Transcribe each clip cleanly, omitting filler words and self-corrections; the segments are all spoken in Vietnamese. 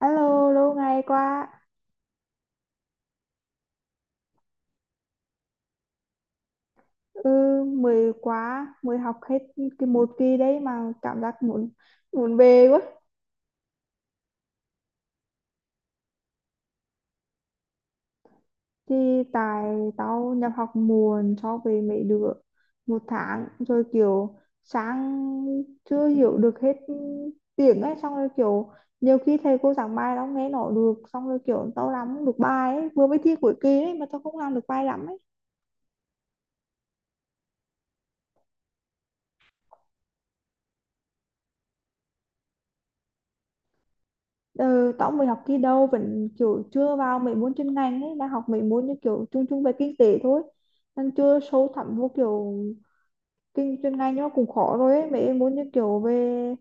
Alo, lâu ngày quá. Ừ, mới quá, mới học hết cái một kỳ đấy mà cảm giác muốn muốn về quá. Thì tại tao nhập học muộn so với mấy đứa một tháng rồi, kiểu sáng chưa hiểu được hết tiếng ấy, xong rồi kiểu nhiều khi thầy cô giảng bài tao không nghe nổi được, xong rồi kiểu tao làm không được bài ấy, vừa mới thi cuối kỳ ấy mà tao không làm được bài lắm ấy. Ừ, tao mới học kỳ đầu vẫn kiểu chưa vào mấy môn chuyên ngành ấy, đang học mấy môn như kiểu chung chung về kinh tế thôi, đang chưa sâu thẳm vô kiểu kinh chuyên ngành nó cũng khó rồi ấy. Mấy em muốn như kiểu về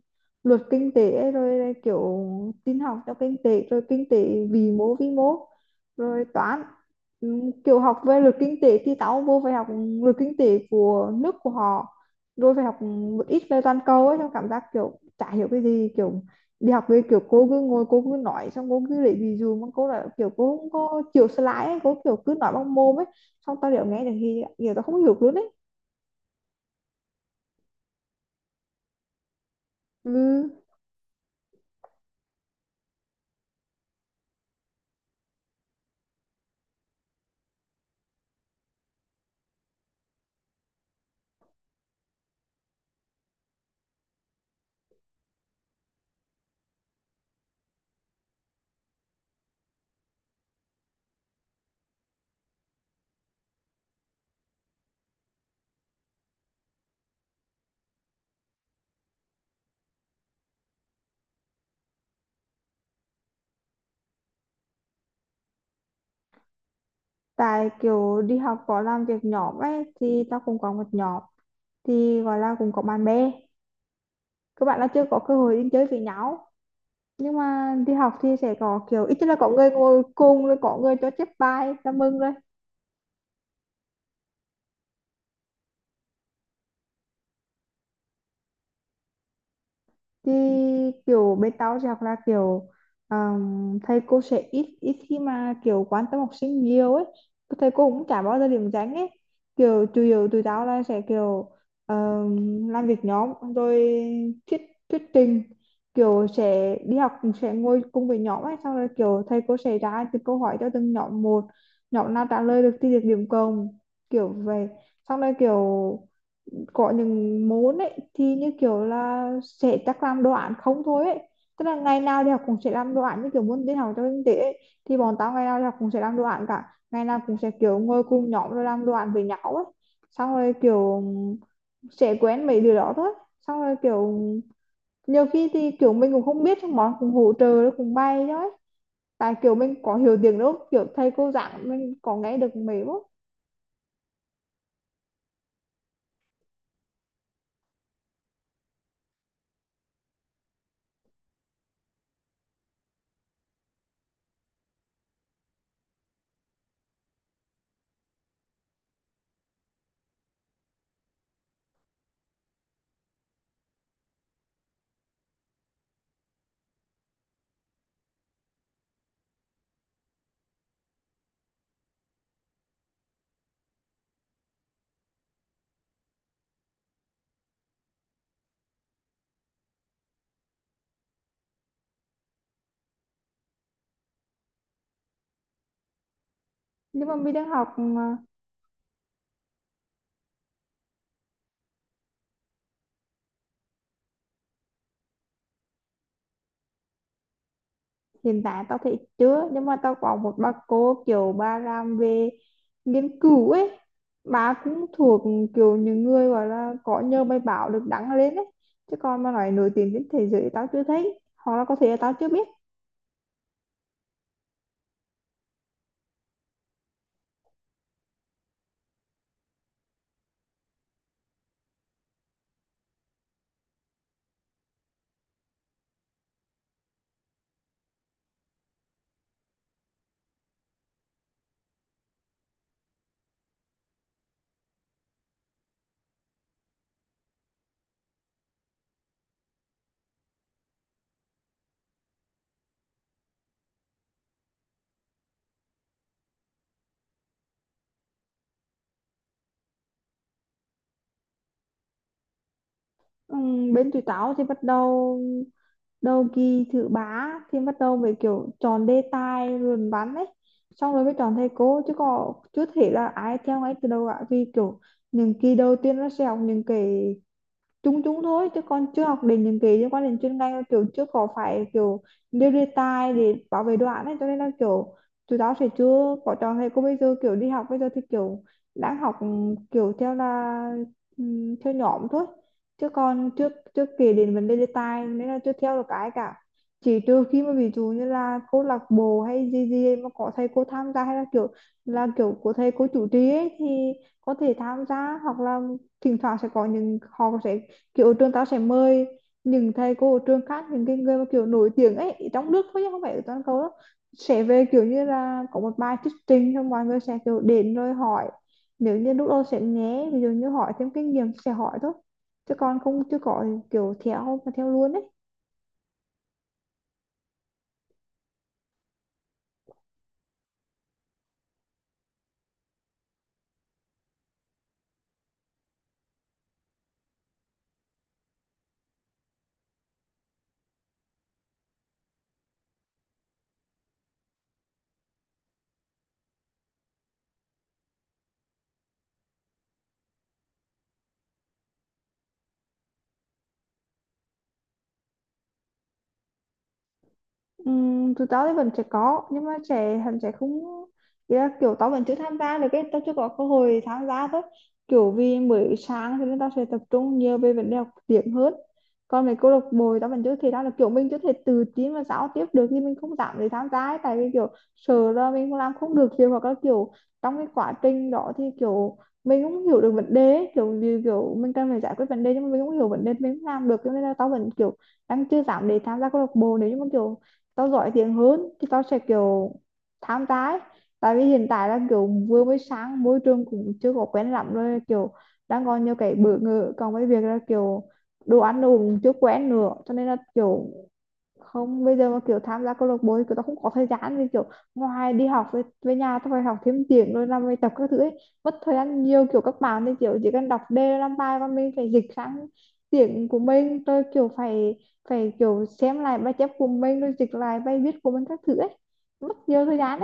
luật kinh tế ấy, rồi là kiểu tin học cho kinh tế, rồi kinh tế vĩ mô vi mô, rồi toán. Kiểu học về luật kinh tế thì tao vô phải học luật kinh tế của nước của họ, rồi phải học một ít về toàn cầu ấy, xong cảm giác kiểu chả hiểu cái gì, kiểu đi học về kiểu cô cứ ngồi cô cứ nói, xong cô cứ lấy ví dụ mà cô là kiểu cô không có chịu slide ấy, cô kiểu cứ nói bằng mồm ấy, xong tao đều nghe được thì kiểu tao không hiểu luôn ấy. Ừ, tại kiểu đi học có làm việc nhóm ấy thì tao cũng có một nhóm, thì gọi là cũng có bạn bè, các bạn là chưa có cơ hội đi chơi với nhau, nhưng mà đi học thì sẽ có kiểu ít nhất là có người ngồi cùng, rồi có người cho chép bài là mừng rồi. Thì kiểu bên tao thì học là kiểu thầy cô sẽ ít ít khi mà kiểu quan tâm học sinh nhiều ấy, thầy cô cũng chả bao giờ điểm danh ấy, kiểu chủ yếu tụi tao là sẽ kiểu làm việc nhóm, rồi thuyết thuyết trình, kiểu sẽ đi học sẽ ngồi cùng với nhóm ấy, xong rồi kiểu thầy cô sẽ ra từng câu hỏi cho từng nhóm, một nhóm nào trả lời được thì được điểm cộng, kiểu vậy. Xong rồi kiểu có những môn ấy thì như kiểu là sẽ chắc làm đồ án không thôi ấy, tức là ngày nào đi học cũng sẽ làm đồ án, như kiểu môn tin học cho kinh tế ấy. Thì bọn tao ngày nào đi học cũng sẽ làm đồ án cả, ngày nào cũng sẽ kiểu ngồi cùng nhóm rồi làm đồ án với nhau ấy, xong rồi kiểu sẽ quen mấy điều đó thôi. Xong rồi kiểu nhiều khi thì kiểu mình cũng không biết, xong bọn cũng hỗ trợ cùng bay thôi, tại kiểu mình có hiểu tiếng đâu, kiểu thầy cô giảng mình có nghe được mấy bước. Nhưng mà mình đang học, hiện tại tao thấy chưa, nhưng mà tao có một bà cô kiểu bà làm về nghiên cứu ấy, bà cũng thuộc kiểu những người gọi là có nhờ bài báo được đăng lên ấy, chứ còn mà nói nổi tiếng trên thế giới tao chưa thấy, hoặc là có thể là tao chưa biết. Bên tụi tao thì bắt đầu đầu kỳ thứ ba thì bắt đầu về kiểu chọn đề tài luận văn ấy, xong rồi mới chọn thầy cô, chứ có chưa thể là ai theo ngay từ đầu cả, vì kiểu những kỳ đầu tiên nó sẽ học những cái chung chung thôi, chứ con chưa học đến những cái liên quan đến chuyên ngành, kiểu chưa có phải kiểu nêu đề tài để bảo vệ đoạn ấy, cho nên là kiểu tụi tao sẽ chưa có chọn thầy cô bây giờ. Kiểu đi học bây giờ thì kiểu đang học, kiểu theo là theo nhóm thôi, chứ còn trước trước kể đến vấn đề đề tài nên là chưa theo được cái cả, chỉ trừ khi mà ví dụ như là câu lạc bộ hay gì gì mà có thầy cô tham gia, hay là kiểu của thầy cô chủ trì ấy thì có thể tham gia, hoặc là thỉnh thoảng sẽ có những họ sẽ kiểu trường tao sẽ mời những thầy cô ở trường khác, những cái người mà kiểu nổi tiếng ấy ở trong nước thôi chứ không phải ở toàn cầu đâu, sẽ về kiểu như là có một bài thuyết trình, xong mọi người sẽ kiểu đến rồi hỏi, nếu như lúc đó sẽ nhé ví dụ như hỏi thêm kinh nghiệm sẽ hỏi thôi, chứ còn không chưa có kiểu theo mà theo luôn ấy. Tụi tao thì vẫn sẽ có, nhưng mà sẽ hắn sẽ không, ý là kiểu tao vẫn chưa tham gia được, cái tao chưa có cơ hội tham gia thôi, kiểu vì mới sáng cho nên tao sẽ tập trung nhiều về vấn đề học tiếng hơn. Còn mấy câu lạc bộ thì tao vẫn chưa thể ra được, kiểu mình chưa thể tự tin và giao tiếp được thì mình không dám để tham gia ấy. Tại vì kiểu sợ là mình không làm không được việc, hoặc là kiểu trong cái quá trình đó thì kiểu mình cũng hiểu được vấn đề ấy, kiểu như kiểu mình cần phải giải quyết vấn đề nhưng mà mình không hiểu vấn đề, mình không làm được, cho nên là tao vẫn kiểu đang chưa dám để tham gia câu lạc bộ. Nếu như mà kiểu tao giỏi tiếng hơn thì tao sẽ kiểu tham gia ấy. Tại vì hiện tại là kiểu vừa mới sáng, môi trường cũng chưa có quen lắm, rồi kiểu đang còn nhiều cái bỡ ngỡ, còn với việc là kiểu đồ ăn đồ cũng chưa quen nữa, cho nên là kiểu không bây giờ mà kiểu tham gia câu lạc bộ thì kiểu tao không có thời gian, vì kiểu ngoài đi học với nhà tao phải học thêm tiếng rồi làm bài tập các thứ ấy, mất thời gian nhiều. Kiểu các bạn thì kiểu chỉ cần đọc đề làm bài, và mình phải dịch sang tiếng của mình, rồi kiểu phải phải kiểu xem lại bài chép của mình rồi dịch lại bài viết của mình các thứ ấy, mất nhiều thời gian.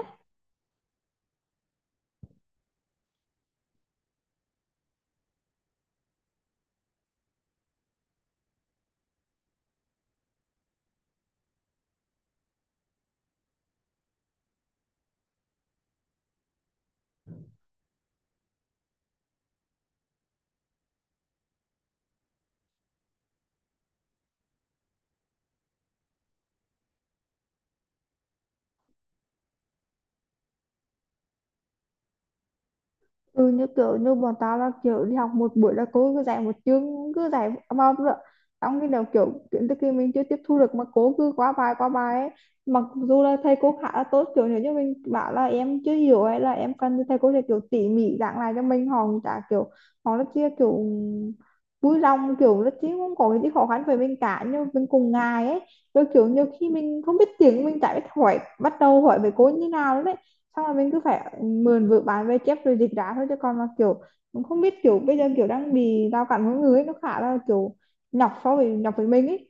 Ừ, như kiểu như bọn tao là kiểu đi học một buổi là cô cứ dạy một chương cứ dạy bao vào, trong khi nào kiểu kiến thức kia mình chưa tiếp thu được mà cô cứ quá bài ấy. Mặc dù là thầy cô khá là tốt, kiểu nếu như mình bảo là em chưa hiểu hay là em cần thì thầy cô sẽ kiểu tỉ mỉ giảng lại cho mình, họ cũng chả kiểu, họ rất chia kiểu vui lòng kiểu rất, chứ không có cái gì khó khăn với mình cả, nhưng mình cùng ngài ấy, rồi kiểu nhiều khi mình không biết tiếng, mình chả biết hỏi bắt đầu hỏi về cô như nào đấy, xong rồi mình cứ phải mượn vở bán về chép rồi dịch ra thôi, chứ còn mà kiểu cũng không biết kiểu bây giờ kiểu đang bị rào cản ngôn người ấy, nó khá là kiểu nhọc so với nhọc với mình ấy.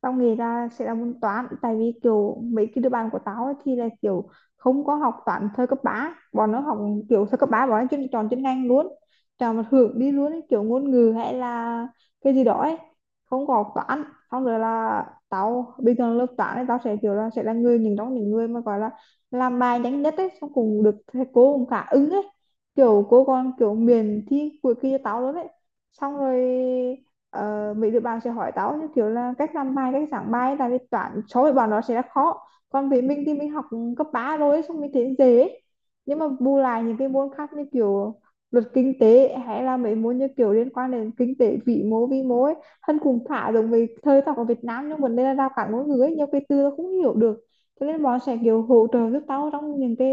Tao nghĩ là sẽ là môn toán, tại vì kiểu mấy cái đứa bạn của tao ấy thì là kiểu không có học toán thời cấp ba, bọn nó học kiểu thời cấp 3 bọn nó chuyên chọn chuyên ngành luôn, chọn một hưởng đi luôn ấy, kiểu ngôn ngữ hay là cái gì đó ấy, không có học toán. Xong rồi là tao bình thường lớp toán ấy tao sẽ kiểu là sẽ là người những trong những người mà gọi là làm bài nhanh nhất ấy, xong cùng được thầy cô cũng khá ưng ấy, kiểu cô còn kiểu miền thi cuối kỳ cho tao luôn ấy, xong rồi ờ, mấy đứa bạn sẽ hỏi tao như kiểu là cách làm bài cách giảng bài, tại vì toán số với bọn nó sẽ là khó, còn với mình thì mình học cấp 3 rồi xong mình thấy dễ ấy. Nhưng mà bù lại những cái môn khác như kiểu luật kinh tế, hay là mấy môn như kiểu liên quan đến kinh tế vĩ mô vi mô ấy, thân cùng thả giống với thời tao ở Việt Nam, nhưng vấn đề là rào cản ngôn ngữ ấy, nhiều cái từ tao không hiểu được, cho nên bọn sẽ kiểu hỗ trợ giúp tao trong những cái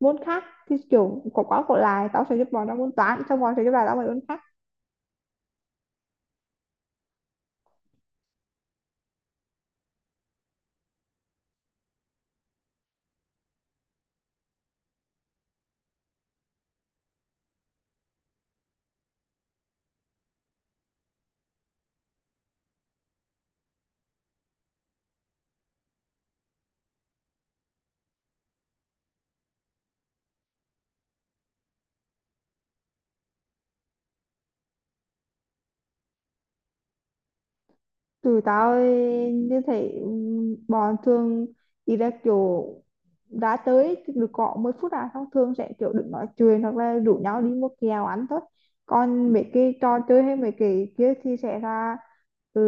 môn khác, thì kiểu có quá có lại, tao sẽ giúp bọn trong môn toán, xong bọn sẽ giúp lại tao mấy môn khác. Tụi tao như thế, bọn thường đi ra kiểu đã tới được có 10 phút à, xong thường sẽ kiểu đừng nói chuyện hoặc là rủ nhau đi mua kẹo ăn thôi. Còn mấy cái trò chơi hay mấy cái kia thì sẽ là ừ,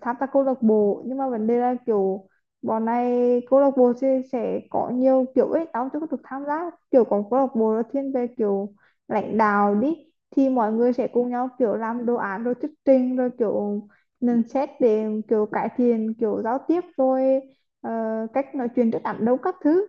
tham gia câu lạc bộ, nhưng mà vấn đề là kiểu bọn này câu lạc bộ sẽ có nhiều kiểu ấy, tao chưa có được tham gia. Kiểu có câu lạc bộ là thiên về kiểu lãnh đạo đi, thì mọi người sẽ cùng nhau kiểu làm đồ án rồi thuyết trình, rồi kiểu nên xét để kiểu cải thiện kiểu giao tiếp, rồi ờ, cách nói chuyện trước đám đông các thứ,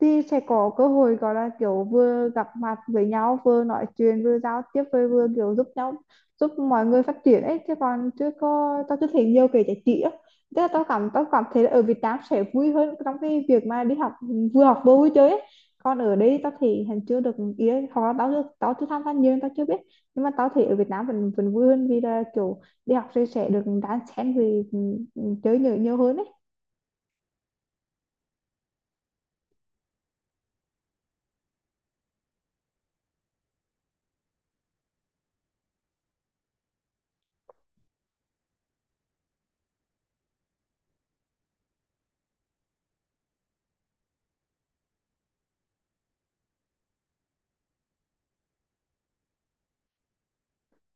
thì sẽ có cơ hội gọi là kiểu vừa gặp mặt với nhau, vừa nói chuyện vừa giao tiếp, vừa vừa kiểu giúp nhau, giúp mọi người phát triển ấy. Chứ còn chưa có, tao chưa thấy nhiều cái giải trí á, tức là tao cảm thấy là ở Việt Nam sẽ vui hơn trong cái việc mà đi học, vừa học vừa vui chơi ấy. Còn ở đây tao thì hình chưa được ý ấy, hoặc là tao chưa tham gia nhiều nên tao chưa biết, nhưng mà tao thấy ở Việt Nam vẫn vẫn vui hơn, vì là kiểu đi học thì sẽ được đan xen, vì chơi nhiều nhiều hơn ấy.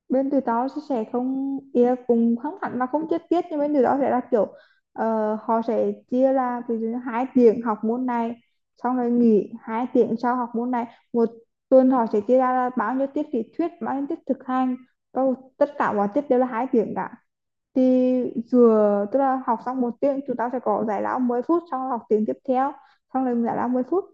Bên tụi tao sẽ không, ý là cũng không hẳn là không chi tiết, nhưng bên tụi tao sẽ là kiểu ờ, họ sẽ chia là ví dụ như 2 tiếng học môn này, xong rồi nghỉ 2 tiếng sau học môn này. Một tuần họ sẽ chia ra là bao nhiêu tiết lý thuyết bao nhiêu tiết thực hành, bao tất cả mọi tiết đều là 2 tiếng cả, thì vừa tức là học xong một tiếng chúng ta sẽ có giải lao 10 phút, xong rồi học tiếng tiếp theo, xong rồi giải lao 10 phút.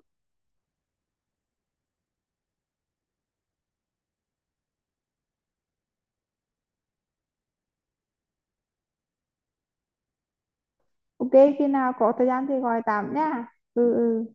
Ok, khi nào có thời gian thì gọi tạm nha. Ừ ừ.